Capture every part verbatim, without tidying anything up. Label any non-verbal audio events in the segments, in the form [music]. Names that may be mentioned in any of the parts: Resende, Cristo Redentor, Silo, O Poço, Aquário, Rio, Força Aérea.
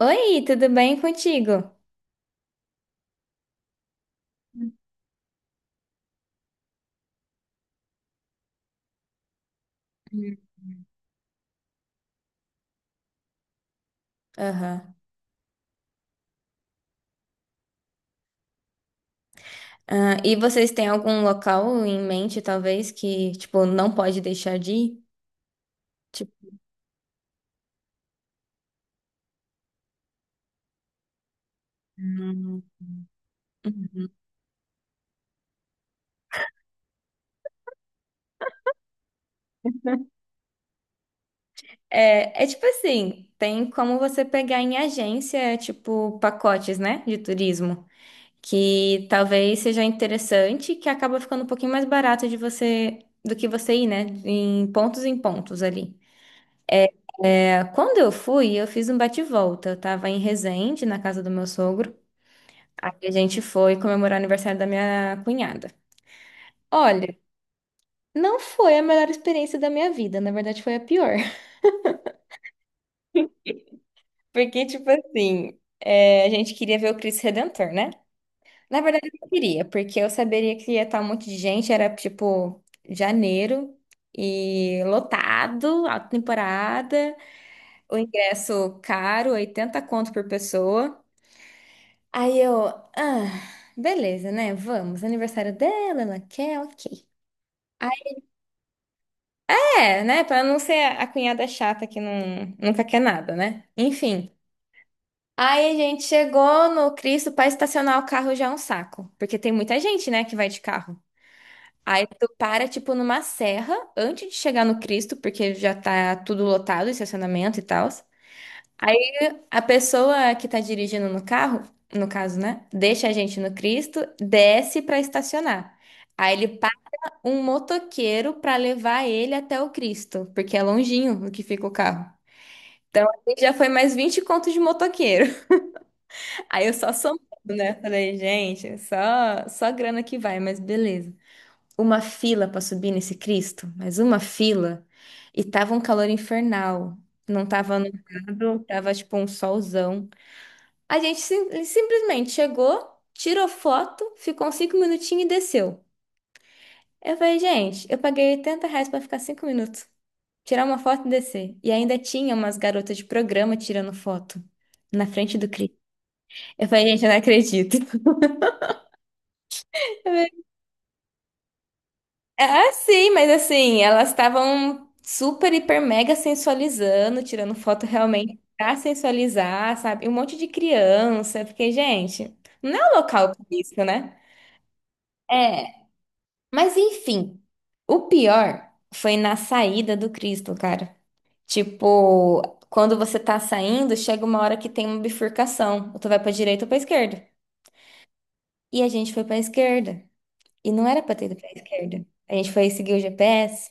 Oi, tudo bem contigo? Hum. Aham. Ah, e vocês têm algum local em mente, talvez, que, tipo, não pode deixar de ir? Tipo, é, é tipo assim, tem como você pegar em agência, tipo, pacotes, né, de turismo, que talvez seja interessante, que acaba ficando um pouquinho mais barato de você, do que você ir, né, em pontos em pontos ali. É, quando eu fui, eu fiz um bate-volta, eu tava em Resende, na casa do meu sogro. Aí a gente foi comemorar o aniversário da minha cunhada. Olha, não foi a melhor experiência da minha vida, na verdade foi a pior. [laughs] Porque, tipo assim, é, a gente queria ver o Cristo Redentor, né? Na verdade, eu não queria, porque eu saberia que ia estar um monte de gente, era tipo janeiro e lotado, alta temporada, o ingresso caro, oitenta conto por pessoa. Aí eu, ah, beleza, né? Vamos, aniversário dela, ela quer, ok. É, né? Pra não ser a cunhada chata que não, nunca quer nada, né? Enfim. Aí a gente chegou no Cristo, pra estacionar o carro já é um saco. Porque tem muita gente, né, que vai de carro. Aí tu para, tipo, numa serra antes de chegar no Cristo, porque já tá tudo lotado, estacionamento e tal. Aí a pessoa que tá dirigindo no carro, no caso, né, deixa a gente no Cristo, desce pra estacionar. Aí ele paga um motoqueiro pra levar ele até o Cristo, porque é longinho o que fica o carro. Então, aí já foi mais vinte contos de motoqueiro. [laughs] Aí eu só somando, né? Falei, gente, só, só grana que vai, mas beleza. Uma fila pra subir nesse Cristo, mas uma fila. E tava um calor infernal. Não tava nublado, tava tipo um solzão. A gente sim- simplesmente chegou, tirou foto, ficou uns cinco minutinhos e desceu. Eu falei, gente, eu paguei oitenta reais pra ficar cinco minutos. Tirar uma foto e descer. E ainda tinha umas garotas de programa tirando foto na frente do Cristo. Eu falei, gente, eu não acredito. [laughs] Ah, sim, mas assim, elas estavam super, hiper, mega sensualizando, tirando foto realmente pra sensualizar, sabe? E um monte de criança. Eu fiquei, gente, não é um local pra isso, né? É, mas enfim, o pior foi na saída do Cristo, cara. Tipo, quando você tá saindo, chega uma hora que tem uma bifurcação. Ou tu vai pra direita ou pra esquerda. E a gente foi pra esquerda. E não era pra ter ido pra esquerda. A gente foi seguir o G P S.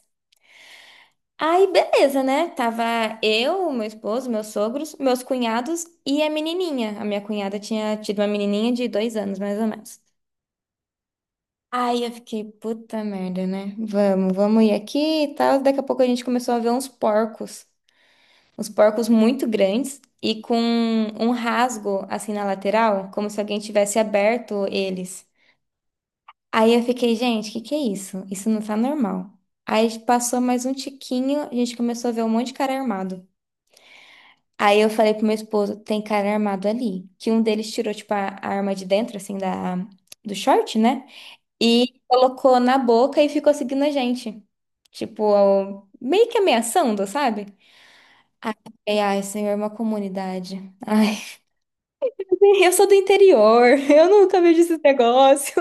Aí, beleza, né? Tava eu, meu esposo, meus sogros, meus cunhados e a menininha. A minha cunhada tinha tido uma menininha de dois anos, mais ou menos. Aí eu fiquei, puta merda, né? Vamos, vamos ir aqui e tal. Daqui a pouco a gente começou a ver uns porcos. Uns porcos muito grandes e com um rasgo assim na lateral, como se alguém tivesse aberto eles. Aí eu fiquei, gente, o que que é isso? Isso não tá normal. Aí passou mais um tiquinho, a gente começou a ver um monte de cara armado. Aí eu falei pro meu esposo, tem cara armado ali. Que um deles tirou, tipo, a, a arma de dentro, assim, da, do short, né? E colocou na boca e ficou seguindo a gente. Tipo, ao- meio que ameaçando, sabe? E, ai, senhor, é uma comunidade. Ai, [laughs] eu sou do interior, [laughs] eu nunca vejo esse negócio.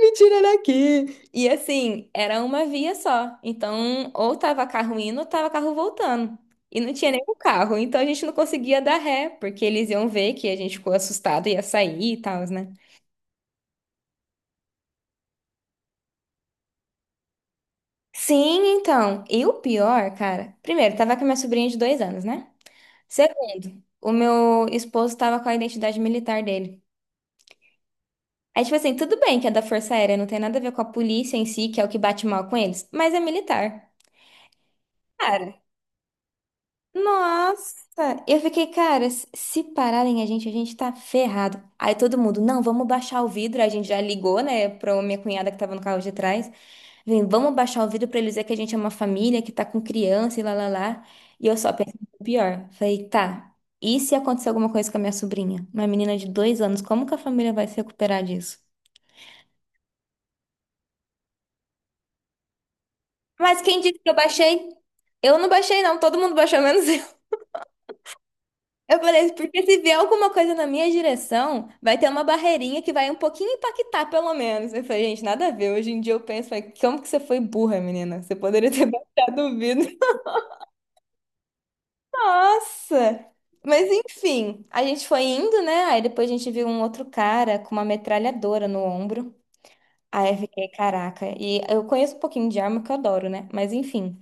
Me tira daqui! E assim, era uma via só. Então, ou tava carro indo, ou tava carro voltando. E não tinha nenhum carro. Então, a gente não conseguia dar ré, porque eles iam ver que a gente ficou assustado e ia sair e tal, né? Sim, então. E o pior, cara. Primeiro, tava com a minha sobrinha de dois anos, né? Segundo, o meu esposo tava com a identidade militar dele. Aí, tipo assim, tudo bem que é da Força Aérea, não tem nada a ver com a polícia em si, que é o que bate mal com eles, mas é militar. Cara, nossa, eu fiquei, cara, se se pararem a gente, a gente tá ferrado. Aí todo mundo, não, vamos baixar o vidro. A gente já ligou, né, pra minha cunhada que tava no carro de trás. Vem, vamos baixar o vidro pra eles dizer que a gente é uma família, que tá com criança e lá, lá, lá. E eu só pensei no pior. Falei, tá, e se acontecer alguma coisa com a minha sobrinha? Uma menina de dois anos, como que a família vai se recuperar disso? Mas quem disse que eu baixei? Eu não baixei, não. Todo mundo baixou, menos eu. Falei, assim, porque se vier alguma coisa na minha direção, vai ter uma barreirinha que vai um pouquinho impactar, pelo menos. Eu falei, gente, nada a ver. Hoje em dia eu penso, falei, como que você foi burra, menina? Você poderia ter [laughs] baixado o vidro. Nossa! Mas enfim, a gente foi indo, né? Aí depois a gente viu um outro cara com uma metralhadora no ombro. Aí eu fiquei, caraca. E eu conheço um pouquinho de arma, que eu adoro, né? Mas enfim.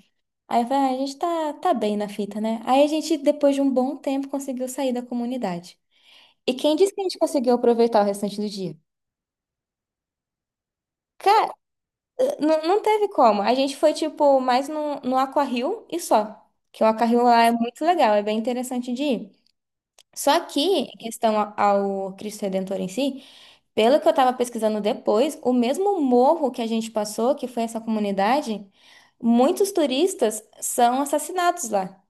Aí eu falei, ah, a gente tá, tá bem na fita, né? Aí a gente, depois de um bom tempo, conseguiu sair da comunidade. E quem disse que a gente conseguiu aproveitar o restante do dia? Cara, não, não teve como. A gente foi, tipo, mais no, no Aquario e só. Que o Aquario lá é muito legal, é bem interessante de ir. Só que, em questão a- ao Cristo Redentor em si, pelo que eu tava pesquisando depois, o mesmo morro que a gente passou, que foi essa comunidade, muitos turistas são assassinados lá.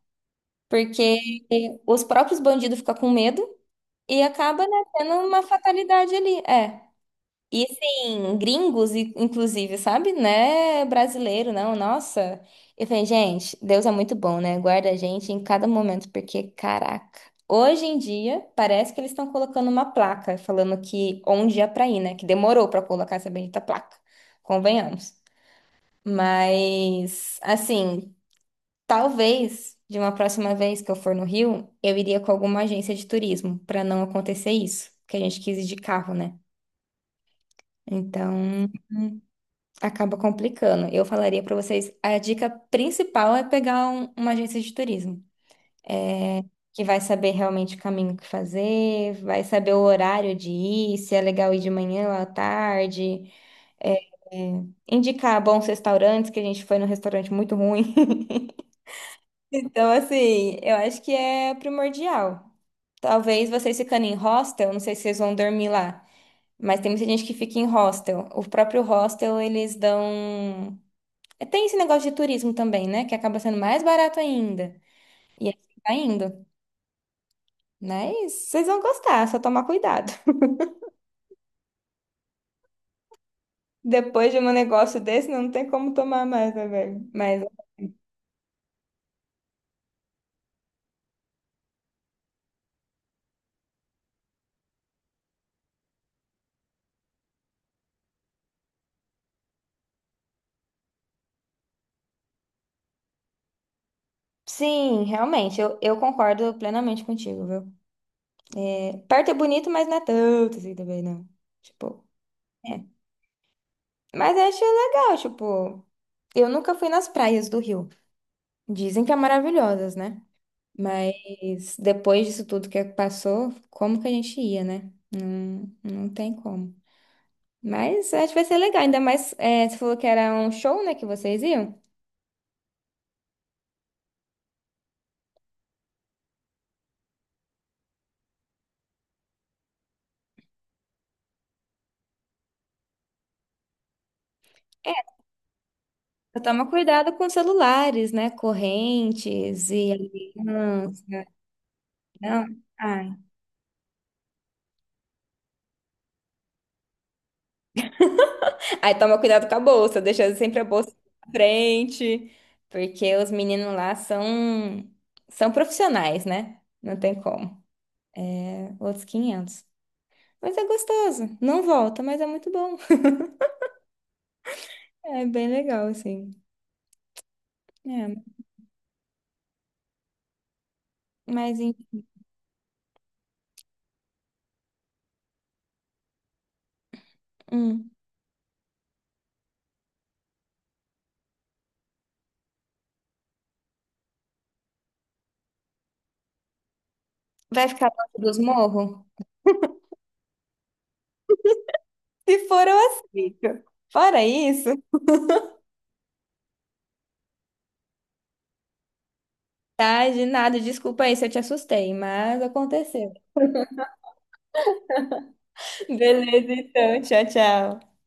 Porque os próprios bandidos ficam com medo e acaba, né, tendo uma fatalidade ali. É. E assim, gringos, i- inclusive, sabe? Né? Brasileiro, não, nossa. Eu falei, gente, Deus é muito bom, né? Guarda a gente em cada momento, porque, caraca, hoje em dia parece que eles estão colocando uma placa falando que onde é pra ir, né? Que demorou pra colocar essa bendita placa, convenhamos. Mas, assim, talvez de uma próxima vez que eu for no Rio, eu iria com alguma agência de turismo, pra não acontecer isso, que a gente quis ir de carro, né? Então, acaba complicando. Eu falaria para vocês, a dica principal é pegar um- uma agência de turismo, que vai saber realmente o caminho que fazer, vai saber o horário de ir, se é legal ir de manhã ou à tarde, é, é, indicar bons restaurantes, que a gente foi num restaurante muito ruim. [laughs] Então, assim, eu acho que é primordial. Talvez vocês ficando em hostel, não sei se vocês vão dormir lá, mas tem muita gente que fica em hostel. O próprio hostel, eles dão. É, tem esse negócio de turismo também, né? Que acaba sendo mais barato ainda. E aí tá indo. Mas vocês vão gostar, é só tomar cuidado. [laughs] Depois de um negócio desse, não tem como tomar mais, né, velho? Mas sim, realmente, eu, eu concordo plenamente contigo, viu? É, perto é bonito, mas não é tanto assim também, não. Tipo, é. Mas eu acho legal, tipo, eu nunca fui nas praias do Rio. Dizem que é maravilhosas, né? Mas depois disso tudo que passou, como que a gente ia, né? Não, não tem como. Mas acho que vai ser legal, ainda mais é, você falou que era um show, né, que vocês iam. É, só toma cuidado com celulares, né? Correntes e aliança. Não. Ai. Aí toma cuidado com a bolsa, deixa sempre a bolsa na frente, porque os meninos lá são, são profissionais, né? Não tem como. Outros quinhentos. Mas é gostoso. Não volta, mas é muito bom. É bem legal, assim. É, mas em-, hum. Vai ficar perto dos morros? Se for, eu aceito. Fora isso, tá? De nada, desculpa aí se eu te assustei, mas aconteceu. [laughs] Beleza, então. Tchau, tchau.